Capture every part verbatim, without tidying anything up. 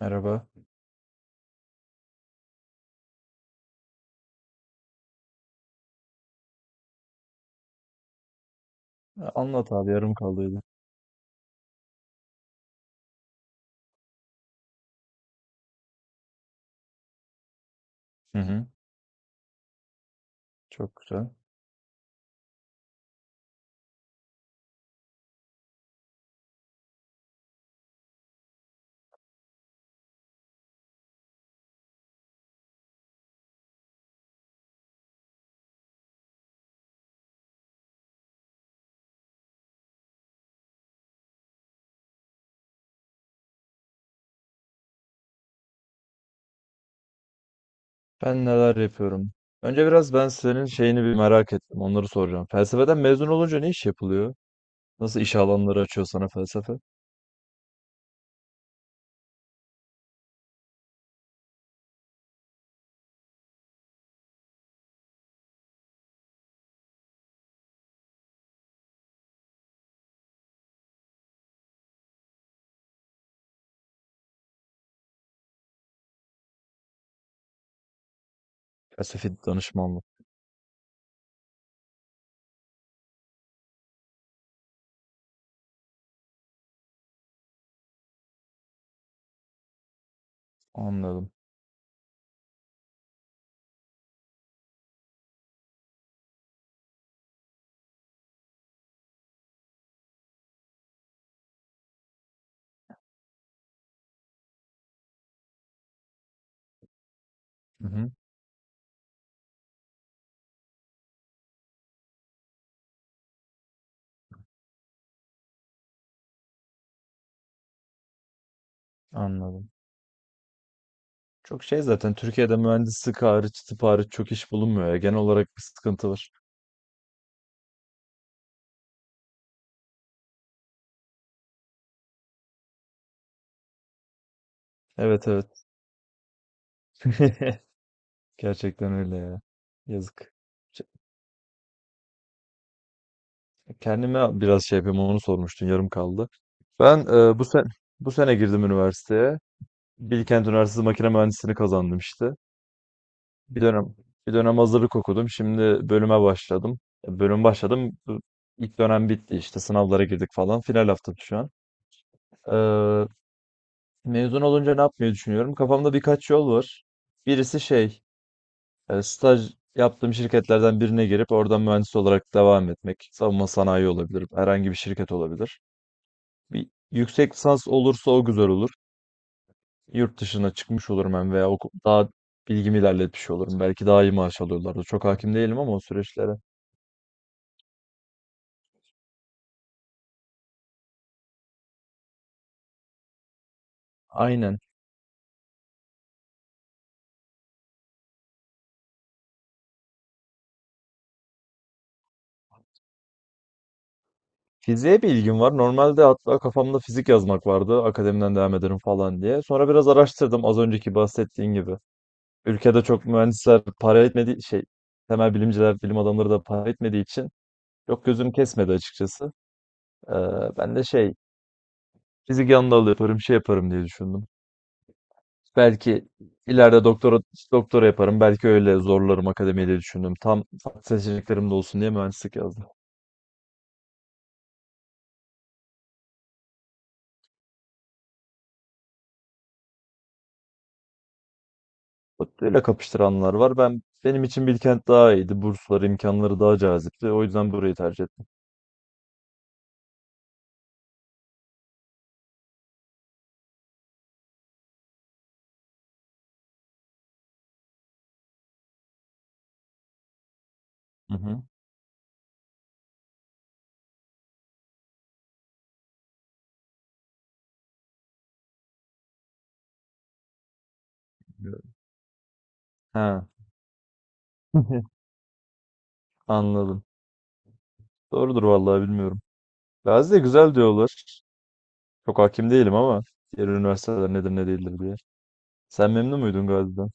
Merhaba. Anlat abi yarım kaldıydı. Hı hı. Çok güzel. Ben neler yapıyorum? Önce biraz ben senin şeyini bir merak ettim. Onları soracağım. Felsefeden mezun olunca ne iş yapılıyor? Nasıl iş alanları açıyor sana felsefe? Felsefi danışmanlık. Anladım. Hı hı. Anladım. Çok şey zaten Türkiye'de mühendislik hariç, tıp hariç çok iş bulunmuyor ya. Genel olarak bir sıkıntı var. Evet, evet. Gerçekten öyle ya. Yazık. Ç- Kendime biraz şey yapayım, onu sormuştun yarım kaldı. Ben e, bu sen bu sene girdim üniversiteye. Bilkent Üniversitesi Makine Mühendisliğini kazandım işte. Bir dönem bir dönem hazırlık okudum. Şimdi bölüme başladım. E, Bölüm başladım. Bu- İlk dönem bitti, işte sınavlara girdik falan. Final haftam şu an. E, mezun olunca ne yapmayı düşünüyorum? Kafamda birkaç yol var. Birisi, şey E, staj yaptığım şirketlerden birine girip oradan mühendis olarak devam etmek. Savunma sanayi olabilir, herhangi bir şirket olabilir. Bir yüksek lisans olursa o güzel olur. Yurt dışına çıkmış olurum hem, veya oku- daha bilgimi ilerletmiş olurum. Belki daha iyi maaş alıyorlardı. Çok hakim değilim ama o süreçlere. Aynen. Fiziğe bir ilgim var. Normalde hatta kafamda fizik yazmak vardı. Akademiden devam ederim falan diye. Sonra biraz araştırdım, az önceki bahsettiğin gibi. Ülkede çok mühendisler para etmediği şey, temel bilimciler, bilim adamları da para etmediği için, yok gözüm kesmedi açıkçası. Ee, ben de şey fizik yanında alı yaparım şey yaparım diye düşündüm. Belki ileride doktora doktora yaparım. Belki öyle zorlarım akademiyi diye düşündüm. Tam farklı seçeneklerim de olsun diye mühendislik yazdım. Bak, öyle kapıştıranlar var. Ben, benim için Bilkent daha iyiydi. Bursları, imkanları daha cazipti. O yüzden burayı tercih ettim. Hı hı. Evet. Ha. Anladım. Doğrudur, vallahi bilmiyorum. Gazi de güzel diyorlar. Çok hakim değilim ama diğer üniversiteler nedir ne değildir diye. Sen memnun muydun Gazi'den?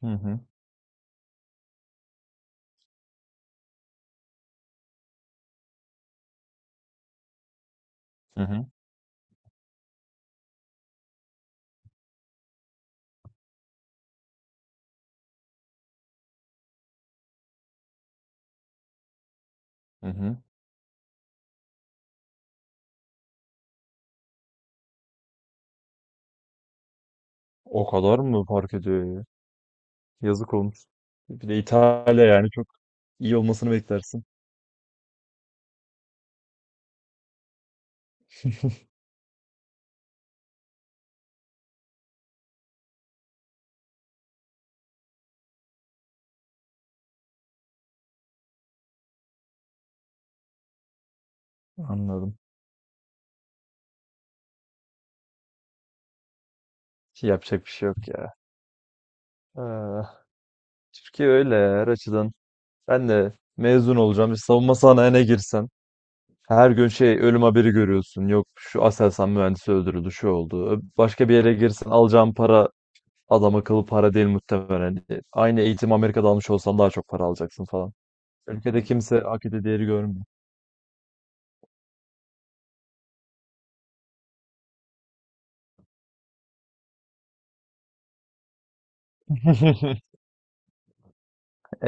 Hı hı. Hı hı. Hı hı. O kadar mı fark ediyor ya? Yazık olmuş. Bir de İtalya, yani çok iyi olmasını beklersin. Anladım. Şey, yapacak bir şey yok ya. Ah, Türkiye öyle ya, her açıdan. Ben de mezun olacağım, bir savunma sanayine girsen. Her gün şey ölüm haberi görüyorsun. Yok, şu Aselsan mühendisi öldürüldü, şu oldu. Ö- Başka bir yere girsen alacağın para adam akıllı para değil muhtemelen. E, Aynı eğitim Amerika'da almış olsan daha çok para alacaksın falan. Ülkede kimse hak ettiği değeri görmüyor.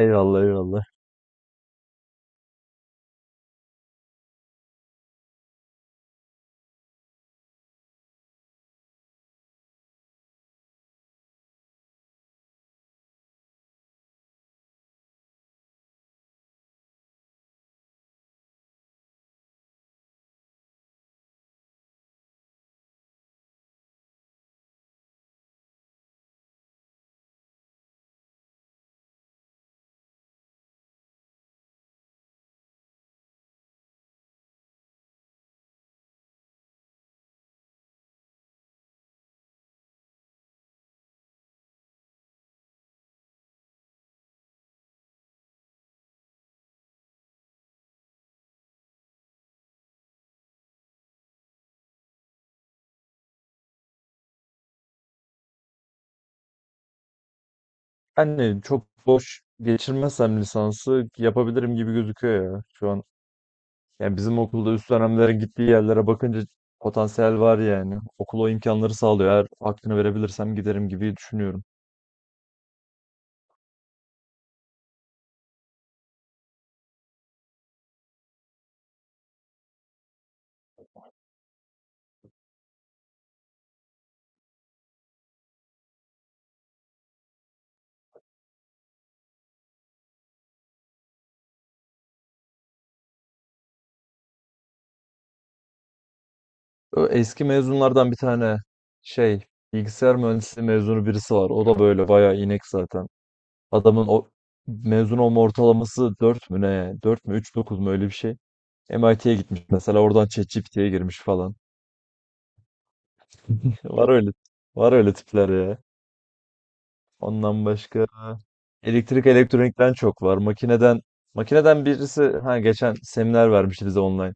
Eyvallah, eyvallah. Hani çok boş geçirmezsem lisansı yapabilirim gibi gözüküyor ya. Şu an yani bizim okulda üst dönemlerin gittiği yerlere bakınca potansiyel var yani. Okul o imkanları sağlıyor. Eğer hakkını verebilirsem giderim gibi düşünüyorum. Ö, Eski mezunlardan bir tane şey bilgisayar mühendisliği mezunu birisi var. O da böyle bayağı inek zaten. Adamın o mezun olma ortalaması dört mü ne? Dört mü üç dokuz mu, öyle bir şey. M I T'ye gitmiş mesela, oradan ChatGPT'ye girmiş falan. Var öyle, var öyle tipler ya. Ondan başka elektrik elektronikten çok var. Makineden makineden birisi ha geçen seminer vermişti bize online.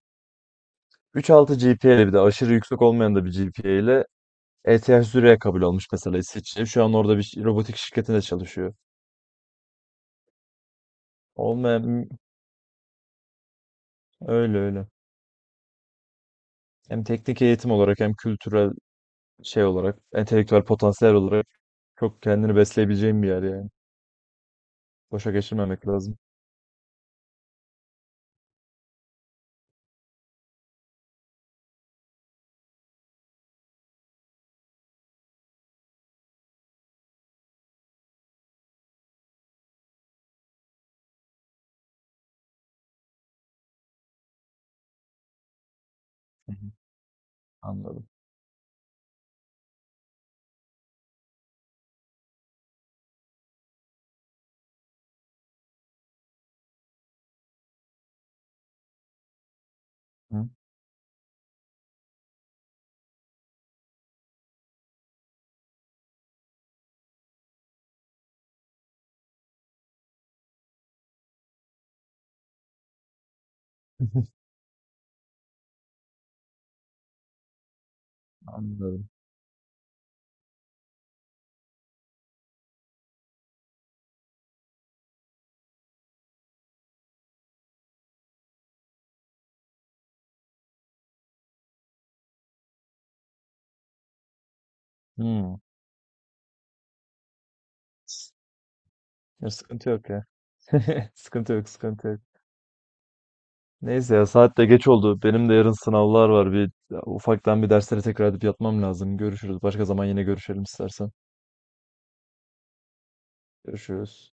üç virgül altı G P A ile, bir de aşırı yüksek olmayan da bir G P A ile E T H Zürich'e kabul olmuş mesela, İsviçre. Şu an orada bir ş- robotik şirketinde çalışıyor. Olmayan hmm, öyle öyle. Hem teknik eğitim olarak hem kültürel şey olarak, entelektüel potansiyel olarak çok kendini besleyebileceğin bir yer yani. Boşa geçirmemek lazım. Anladım. Hı. Anladım. Hımm. Ya, sıkıntı yok ya. Sıkıntı yok, sıkıntı yok. Neyse ya, saat de geç oldu. Benim de yarın sınavlar var. Bir ya, ufaktan bir derslere tekrar edip yatmam lazım. Görüşürüz. Başka zaman yine görüşelim istersen. Görüşürüz.